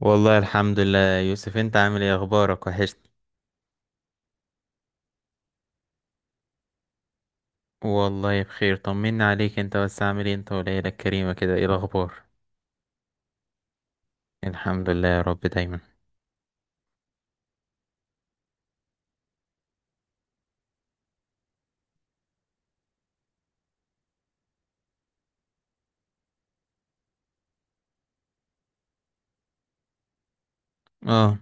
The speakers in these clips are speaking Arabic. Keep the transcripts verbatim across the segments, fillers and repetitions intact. والله، الحمد لله يا يوسف. انت عامل ايه؟ اخبارك وحشني. والله بخير، طمنا عليك. انت بس عامل ايه انت والعيلة الكريمة كده؟ ايه الاخبار؟ الحمد لله، يا رب دايما. اه.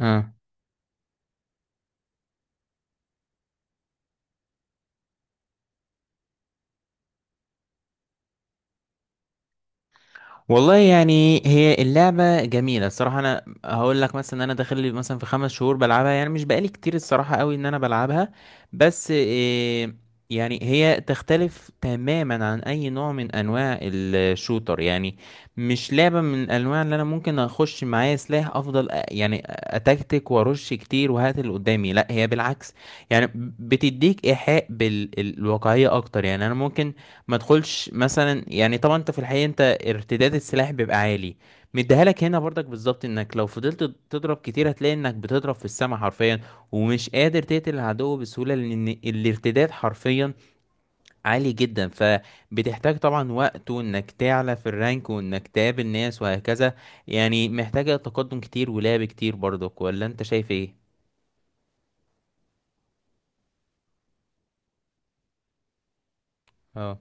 اه. والله يعني، هي اللعبة جميلة الصراحة. أنا هقول لك مثلا إن أنا داخل لي مثلا في خمس شهور بلعبها. يعني مش بقالي كتير الصراحة قوي إن أنا بلعبها، بس إيه. يعني هي تختلف تماما عن أي نوع من أنواع الشوتر. يعني مش لعبة من الأنواع اللي أنا ممكن أخش معايا سلاح أفضل، أ- يعني أتكتك وأرش كتير وهات اللي قدامي. لأ، هي بالعكس يعني. بتديك إيحاء بالواقعية أكتر. يعني أنا ممكن ما تدخلش مثلا، يعني طبعا انت في الحقيقه، انت ارتداد السلاح بيبقى عالي. مديها لك هنا برضك بالظبط، انك لو فضلت تضرب كتير هتلاقي انك بتضرب في السما حرفيا ومش قادر تقتل العدو بسهوله، لان الارتداد حرفيا عالي جدا. فبتحتاج طبعا وقت، وانك تعلى في الرانك، وانك تقابل ناس وهكذا. يعني محتاجه تقدم كتير ولعب كتير برضك، ولا انت شايف ايه؟ اه.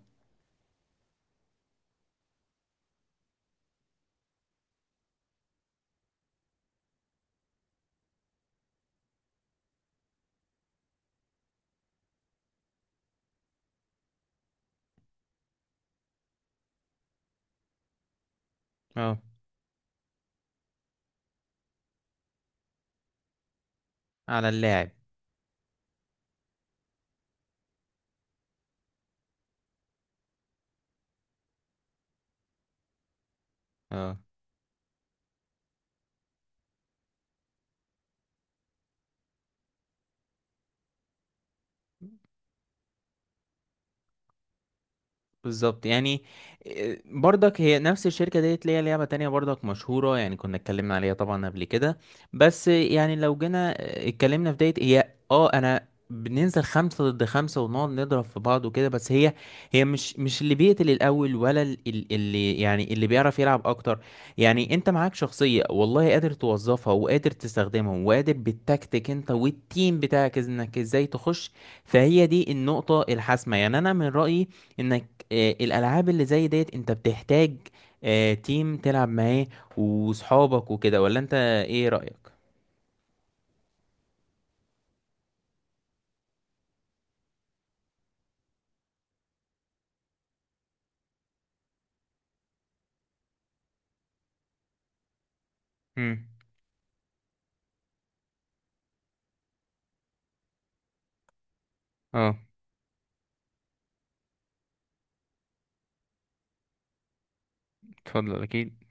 اه. على اللاعب. اه، بالظبط يعني. إيه، برضك هي نفس الشركة ديت ليها لعبة تانية برضك مشهورة، يعني كنا اتكلمنا عليها طبعا قبل كده. بس يعني لو جينا اتكلمنا في ديت، هي اه انا بننزل خمسة ضد خمسة ونقعد نضرب في بعض وكده. بس هي هي مش مش اللي بيقتل الأول، ولا ال- ال- اللي يعني اللي بيعرف يلعب أكتر. يعني أنت معاك شخصية والله قادر توظفها وقادر تستخدمها، وقادر بالتكتيك أنت والتيم بتاعك إنك إزاي تخش. فهي دي النقطة الحاسمة. يعني أنا من رأيي انك آه، الالعاب اللي زي ديت انت بتحتاج آه، تيم تلعب معاه وصحابك وكده. ولا انت ايه رأيك؟ امم. اه. اتفضل اكيد.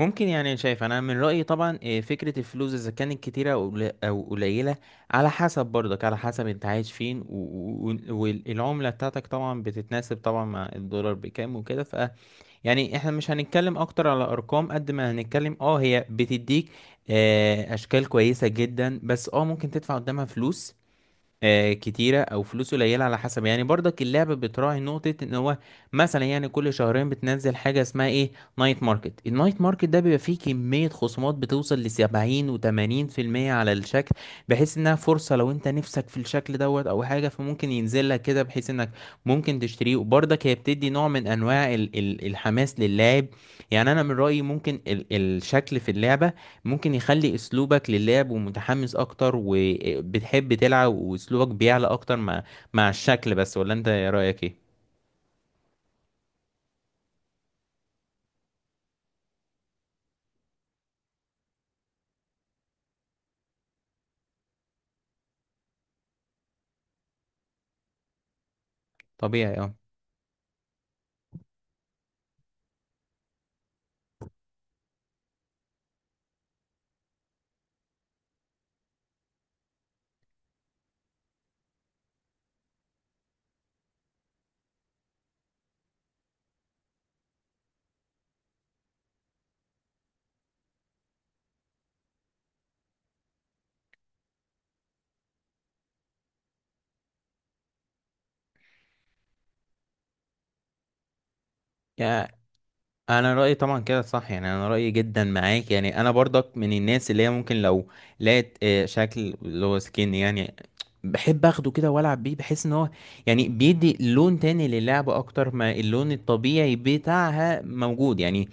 ممكن. يعني شايف انا من رأيي طبعا، آه، فكرة الفلوس اذا كانت كتيرة او قل- أو قليلة، على حسب برضك على حسب انت عايش فين، و- و- والعملة بتاعتك طبعا بتتناسب طبعا مع الدولار بكام وكده. يعني احنا مش هنتكلم اكتر على ارقام قد ما هنتكلم. اه، هي بتديك آه، اشكال كويسة جدا، بس اه ممكن تدفع قدامها فلوس آه، كتيرة أو فلوس قليلة على حسب. يعني برضك اللعبة بتراعي نقطة، إن هو مثلا يعني كل شهرين بتنزل حاجة اسمها إيه، نايت ماركت. النايت ماركت ده بيبقى فيه كمية خصومات بتوصل لسبعين وتمانين في المية على الشكل. بحيث إنها فرصة لو أنت نفسك في الشكل دوت أو حاجة، فممكن ينزل لك كده بحيث إنك ممكن تشتريه. وبرضك هي بتدي نوع من أنواع ال ال الحماس للاعب. يعني أنا من رأيي ممكن ال الشكل في اللعبة ممكن يخلي اسلوبك للعب ومتحمس اكتر، وبتحب تلعب واسلوبك بيعلى اكتر مع مع الشكل بس. ولا انت رأيك ايه؟ طبيعي اه. يعني انا رايي طبعا كده صح، يعني انا رايي جدا معاك. يعني انا برضك من الناس اللي هي ممكن لو لقيت آه، شكل اللي هو سكين، يعني بحب اخده كده والعب بيه، بحس ان هو يعني بيدي لون تاني للعبه اكتر ما اللون الطبيعي بتاعها موجود يعني.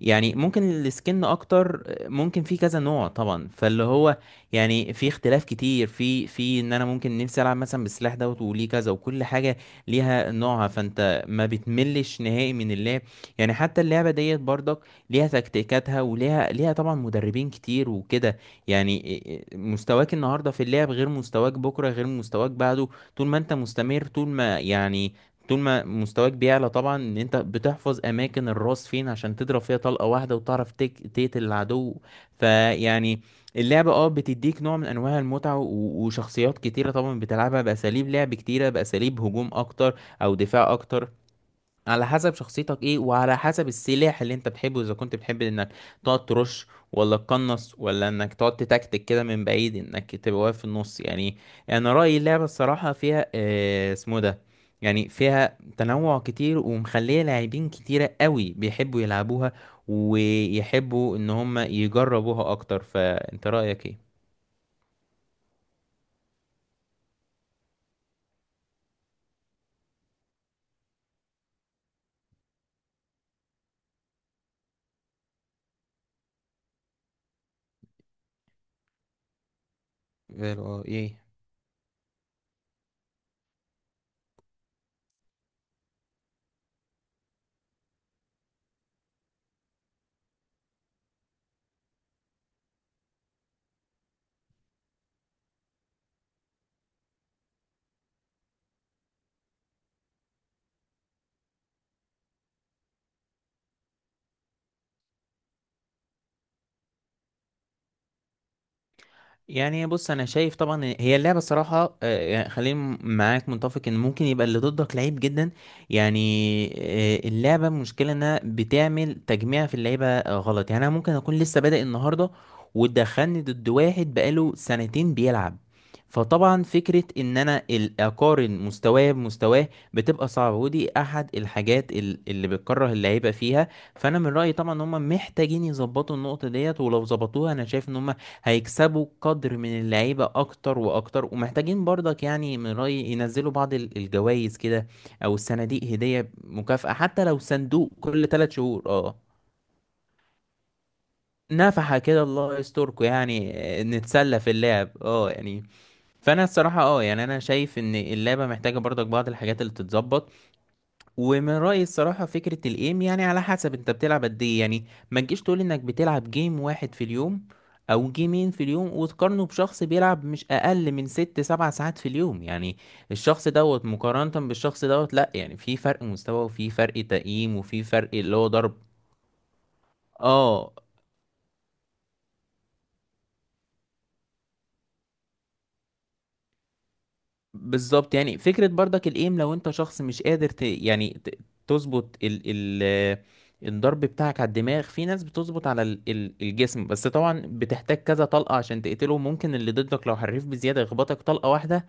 يعني ممكن السكن اكتر. آه، ممكن في كذا نوع طبعا، فاللي هو يعني في اختلاف كتير في في ان انا ممكن نفسي العب مثلا بالسلاح دوت وليه كذا، وكل حاجه ليها نوعها. فانت ما بتملش نهائي من اللعب. يعني حتى اللعبة ديت برضك ليها تكتيكاتها، وليها ليها طبعا مدربين كتير وكده. يعني إيه- إيه مستواك النهاردة في اللعب غير مستواك بكرة غير مستواك بعده. طول ما انت مستمر، طول ما يعني طول ما مستواك بيعلى طبعا، ان انت بتحفظ اماكن الراس فين عشان تضرب فيها طلقة واحدة وتعرف تك- تقتل العدو. فيعني اللعبة اه بتديك نوع من انواع المتعة و- وشخصيات كتيرة طبعا، بتلعبها باساليب لعب كتيرة، باساليب هجوم اكتر او دفاع اكتر، على حسب شخصيتك ايه، وعلى حسب السلاح اللي انت بتحبه، اذا كنت بتحب انك تقعد ترش ولا تقنص، ولا انك تقعد تتكتك كده من بعيد انك تبقى واقف في النص يعني. انا رأيي اللعبة الصراحة فيها آه اسمه ده، يعني فيها تنوع كتير ومخلية لاعبين كتيرة قوي بيحبوا يلعبوها ويحبوا ان هم يجربوها اكتر. فانت رأيك ايه؟ فالو، اه. ايه يعني، بص انا شايف طبعا إن هي اللعبه صراحه، آه، يعني خليني معاك متفق ان ممكن يبقى اللي ضدك لعيب جدا. يعني آه، اللعبه المشكله انها بتعمل تجميع في اللعيبه آه، غلط. يعني انا ممكن اكون لسه بادئ النهارده وتدخلني ضد واحد بقاله سنتين بيلعب. فطبعا فكره ان انا ال- اقارن مستواه بمستواه بتبقى صعبه، ودي احد الحاجات ال- اللي بتكره اللعيبه فيها. فانا من رايي طبعا ان هم محتاجين يظبطوا النقطه ديت، ولو ظبطوها انا شايف ان هم هيكسبوا قدر من اللعيبة أكتر وأكتر. ومحتاجين برضك يعني من رأيي ينزلوا بعض ال- الجوائز كده، أو الصناديق هدية مكافأة، حتى لو صندوق كل ثلاث شهور اه، نفحة كده الله يستركم يعني. آه، نتسلى في اللعب اه يعني. فأنا الصراحة اه يعني، أنا شايف إن اللعبة محتاجة برضك بعض الحاجات اللي تتظبط. ومن رأيي الصراحة فكرة الايم يعني على حسب انت بتلعب قد ايه يعني. ما تجيش تقول انك بتلعب جيم واحد في اليوم او جيمين في اليوم وتقارنه بشخص بيلعب مش اقل من ست سبع ساعات في اليوم. يعني الشخص دوت مقارنة بالشخص دوت، لا يعني في فرق مستوى وفي فرق تقييم وفي فرق اللي هو ضرب. اه بالظبط. يعني فكرة برضك الايم، لو انت شخص مش قادر ت... يعني ت... تظبط ال... ال... الضرب بتاعك على الدماغ، في ناس بتظبط على ال... ال- الجسم بس، طبعا بتحتاج كذا طلقة عشان تقتله. ممكن اللي ضدك لو حريف بزيادة يخبطك طلقة واحدة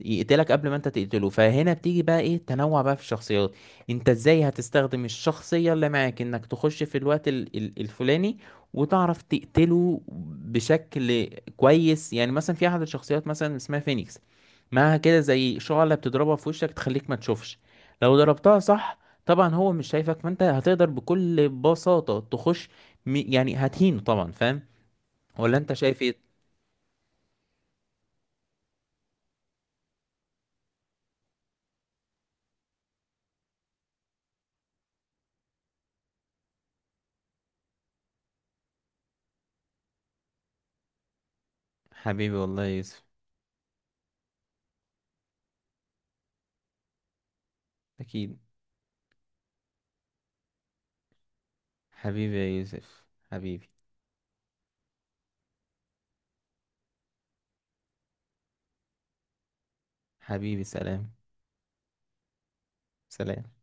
يقتلك قبل ما انت تقتله. فهنا بتيجي بقى ايه تنوع بقى في الشخصيات. انت ازاي هتستخدم الشخصية اللي معاك انك تخش في الوقت ال- ال- الفلاني وتعرف تقتله بشكل كويس. يعني مثلا في احد الشخصيات مثلا اسمها فينيكس، معاها كده زي شعلة بتضربها في وشك تخليك ما تشوفش. لو ضربتها صح، طبعا هو مش شايفك، فانت هتقدر بكل بساطة تخش. م- يعني هتهينه طبعا، فاهم؟ ولا انت شايف ايه؟ حبيبي، والله يا يوسف. اكيد. حبيبي يا يوسف. حبيبي. حبيبي، سلام. سلام.